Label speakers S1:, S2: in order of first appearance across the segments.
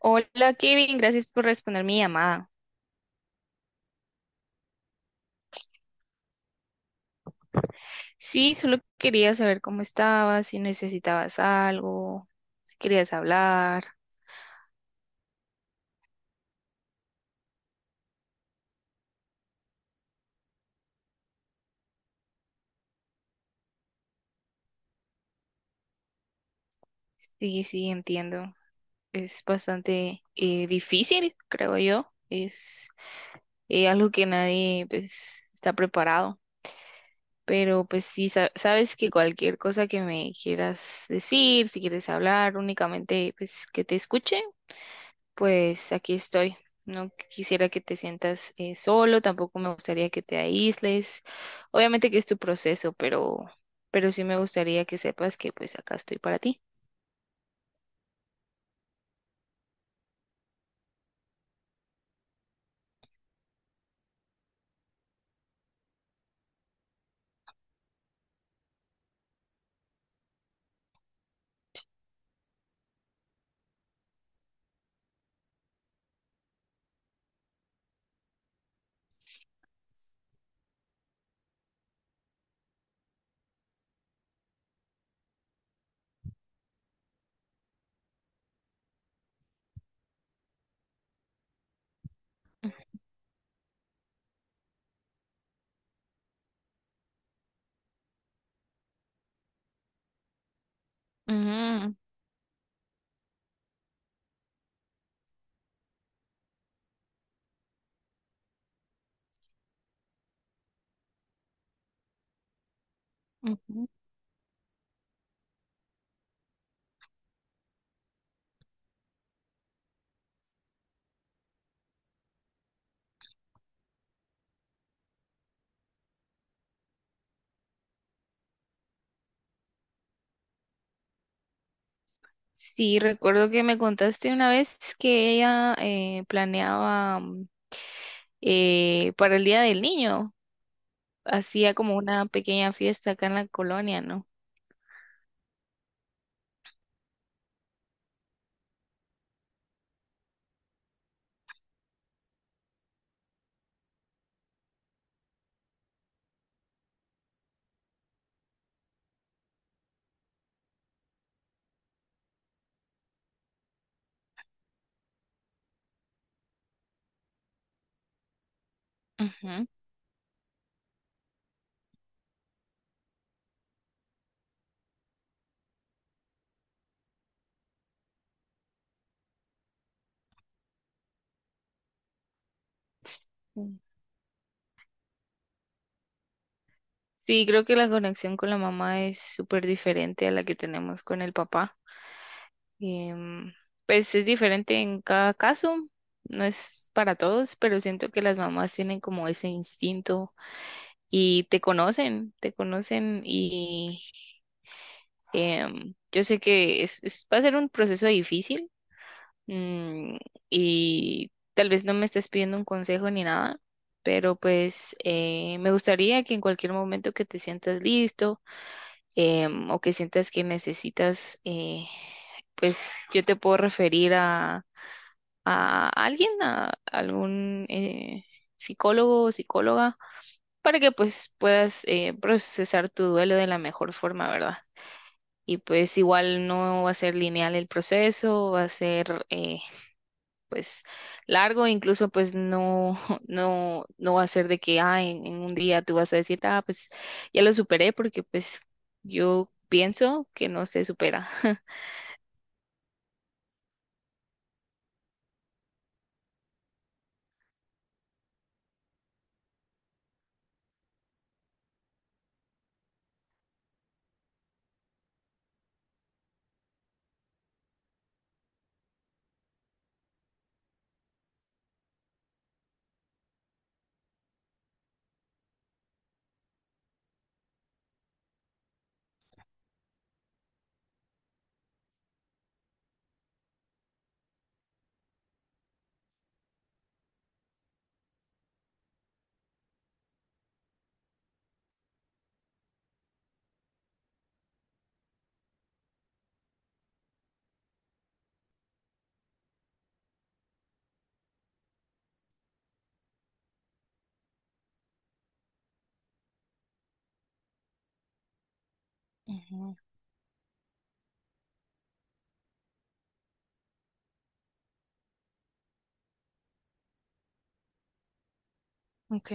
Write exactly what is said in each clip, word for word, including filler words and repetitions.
S1: Hola Kevin, gracias por responder mi llamada. Sí, solo quería saber cómo estabas, si necesitabas algo, si querías hablar. Sí, sí, entiendo. Es bastante eh, difícil, creo yo. Es eh, algo que nadie pues está preparado. Pero pues sí, sa- sabes que cualquier cosa que me quieras decir, si quieres hablar, únicamente pues que te escuche, pues aquí estoy. No quisiera que te sientas eh, solo, tampoco me gustaría que te aísles. Obviamente que es tu proceso, pero, pero sí me gustaría que sepas que pues acá estoy para ti. Mm, ujú. Sí, recuerdo que me contaste una vez que ella eh, planeaba mm, eh, para el Día del Niño, hacía como una pequeña fiesta acá en la colonia, ¿no? Ujú. Sí, creo que la conexión con la mamá es súper diferente a la que tenemos con el papá. Em, pues es diferente en cada caso, no es para todos, pero siento que las mamás tienen como ese instinto y te conocen, te conocen y em, yo sé que es, es- va a ser un proceso difícil. mm, y tal vez no me estés pidiendo un consejo ni nada, pero pues eh, me gustaría que en cualquier momento que te sientas listo, em, o que sientas que necesitas, eh, pues yo te puedo referir a, a alguien, a algún eh, psicólogo o psicóloga, para que pues puedas eh, procesar tu duelo de la mejor forma, ¿verdad? Y pues igual no va a ser lineal el proceso, va a ser eh, pues largo, incluso pues no, no, no va a ser de que ah, en, en un día tú vas a decir, ah, pues ya lo superé, porque pues yo pienso que no se supera. Ujú. Ok.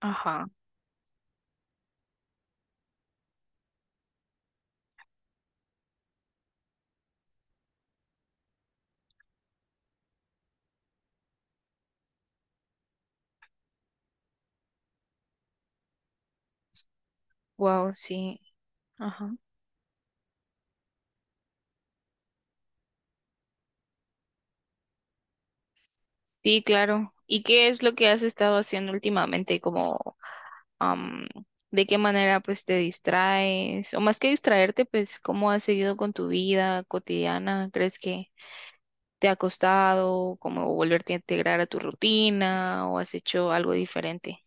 S1: Ajá. Wow, sí. Ajá. Sí, claro. ¿Y qué es lo que has estado haciendo últimamente? Como, am, ¿de qué manera pues te distraes? O más que distraerte, pues, ¿cómo has seguido con tu vida cotidiana? ¿Crees que te ha costado como volverte a integrar a tu rutina o has hecho algo diferente?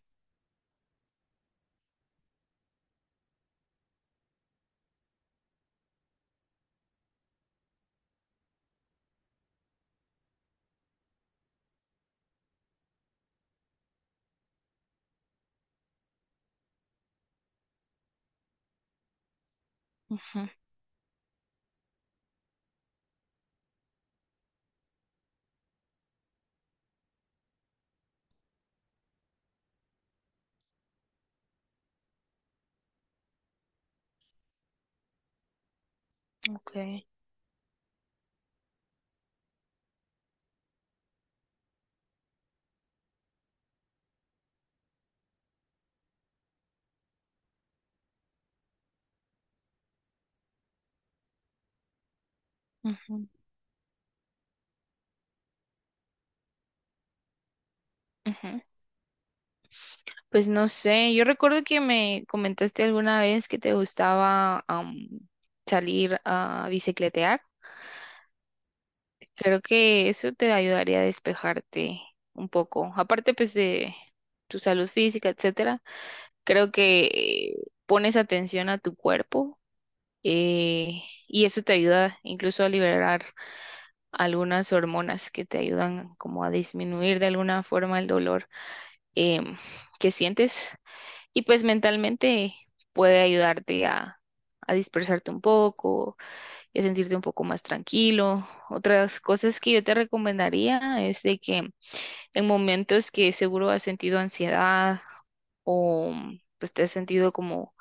S1: Ujú. Okay. Ujú, ujú. Pues no sé, yo recuerdo que me comentaste alguna vez que te gustaba am, salir a bicicletear. Creo que eso te ayudaría a despejarte un poco. Aparte pues de tu salud física, etcétera, creo que eh, pones atención a tu cuerpo, eh, y eso te ayuda incluso a liberar algunas hormonas que te ayudan como a disminuir de alguna forma el dolor em, que sientes, y pues mentalmente puede ayudarte a, a dispersarte un poco y a sentirte un poco más tranquilo. Otras cosas que yo te recomendaría es de que en momentos que seguro has sentido ansiedad o pues te has sentido como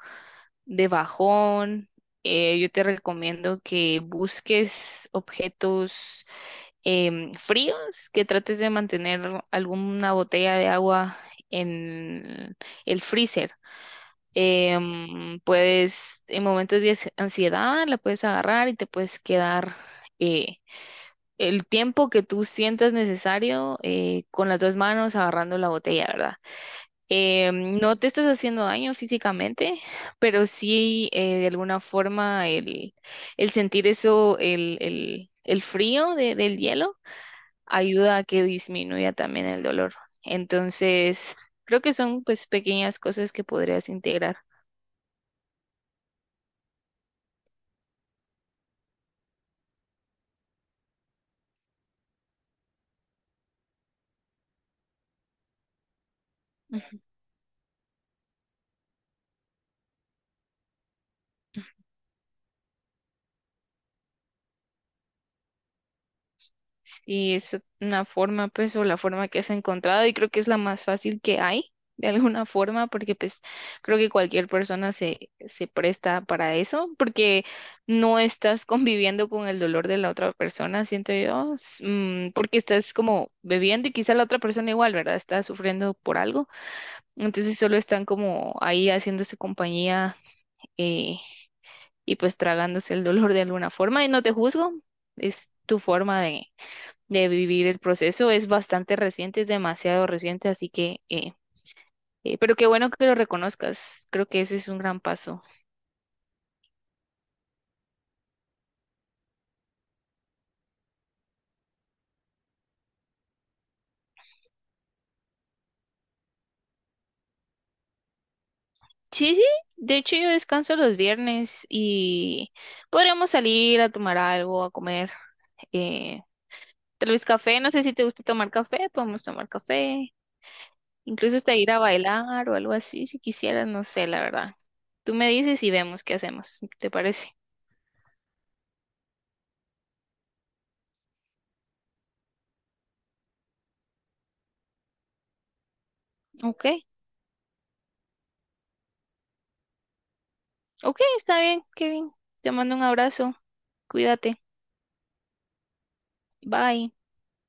S1: de bajón, eh, yo te recomiendo que busques objetos em, fríos, que trates de mantener alguna botella de agua en el freezer. Em, puedes, en momentos de ansi- ansiedad, la puedes agarrar y te puedes quedar eh, el tiempo que tú sientas necesario eh, con las dos manos agarrando la botella, ¿verdad? Em, no te estás haciendo daño físicamente, pero sí eh, de alguna forma el, el sentir eso, el, el, el frío de- del hielo ayuda a que disminuya también el dolor. Entonces, creo que son pues pequeñas cosas que podrías integrar. Ujú. Sí, es una forma, pues, o la forma que has encontrado y creo que es la más fácil que hay, de alguna forma, porque pues creo que cualquier persona se, se presta para eso, porque no estás conviviendo con el dolor de la otra persona, siento yo, s- mm, porque estás como bebiendo y quizá la otra persona igual, ¿verdad? Está sufriendo por algo. Entonces solo están como ahí haciéndose compañía, eh, y pues tragándose el dolor de alguna forma. Y no te juzgo, es tu forma de, de vivir el proceso. Es bastante reciente, es demasiado reciente, así que, eh, eh, pero qué bueno que lo reconozcas. Creo que ese es un gran paso. Sí, sí, de hecho yo descanso los viernes y podríamos salir a tomar algo, a comer. eh, tal vez café, no sé si te gusta tomar café, podemos tomar café. Incluso hasta ir a bailar o algo así, si quisieras, no sé, la verdad. Tú me dices y vemos qué hacemos, ¿te parece? Ok, ok, está bien, Kevin. Te mando un abrazo. Cuídate. Bye.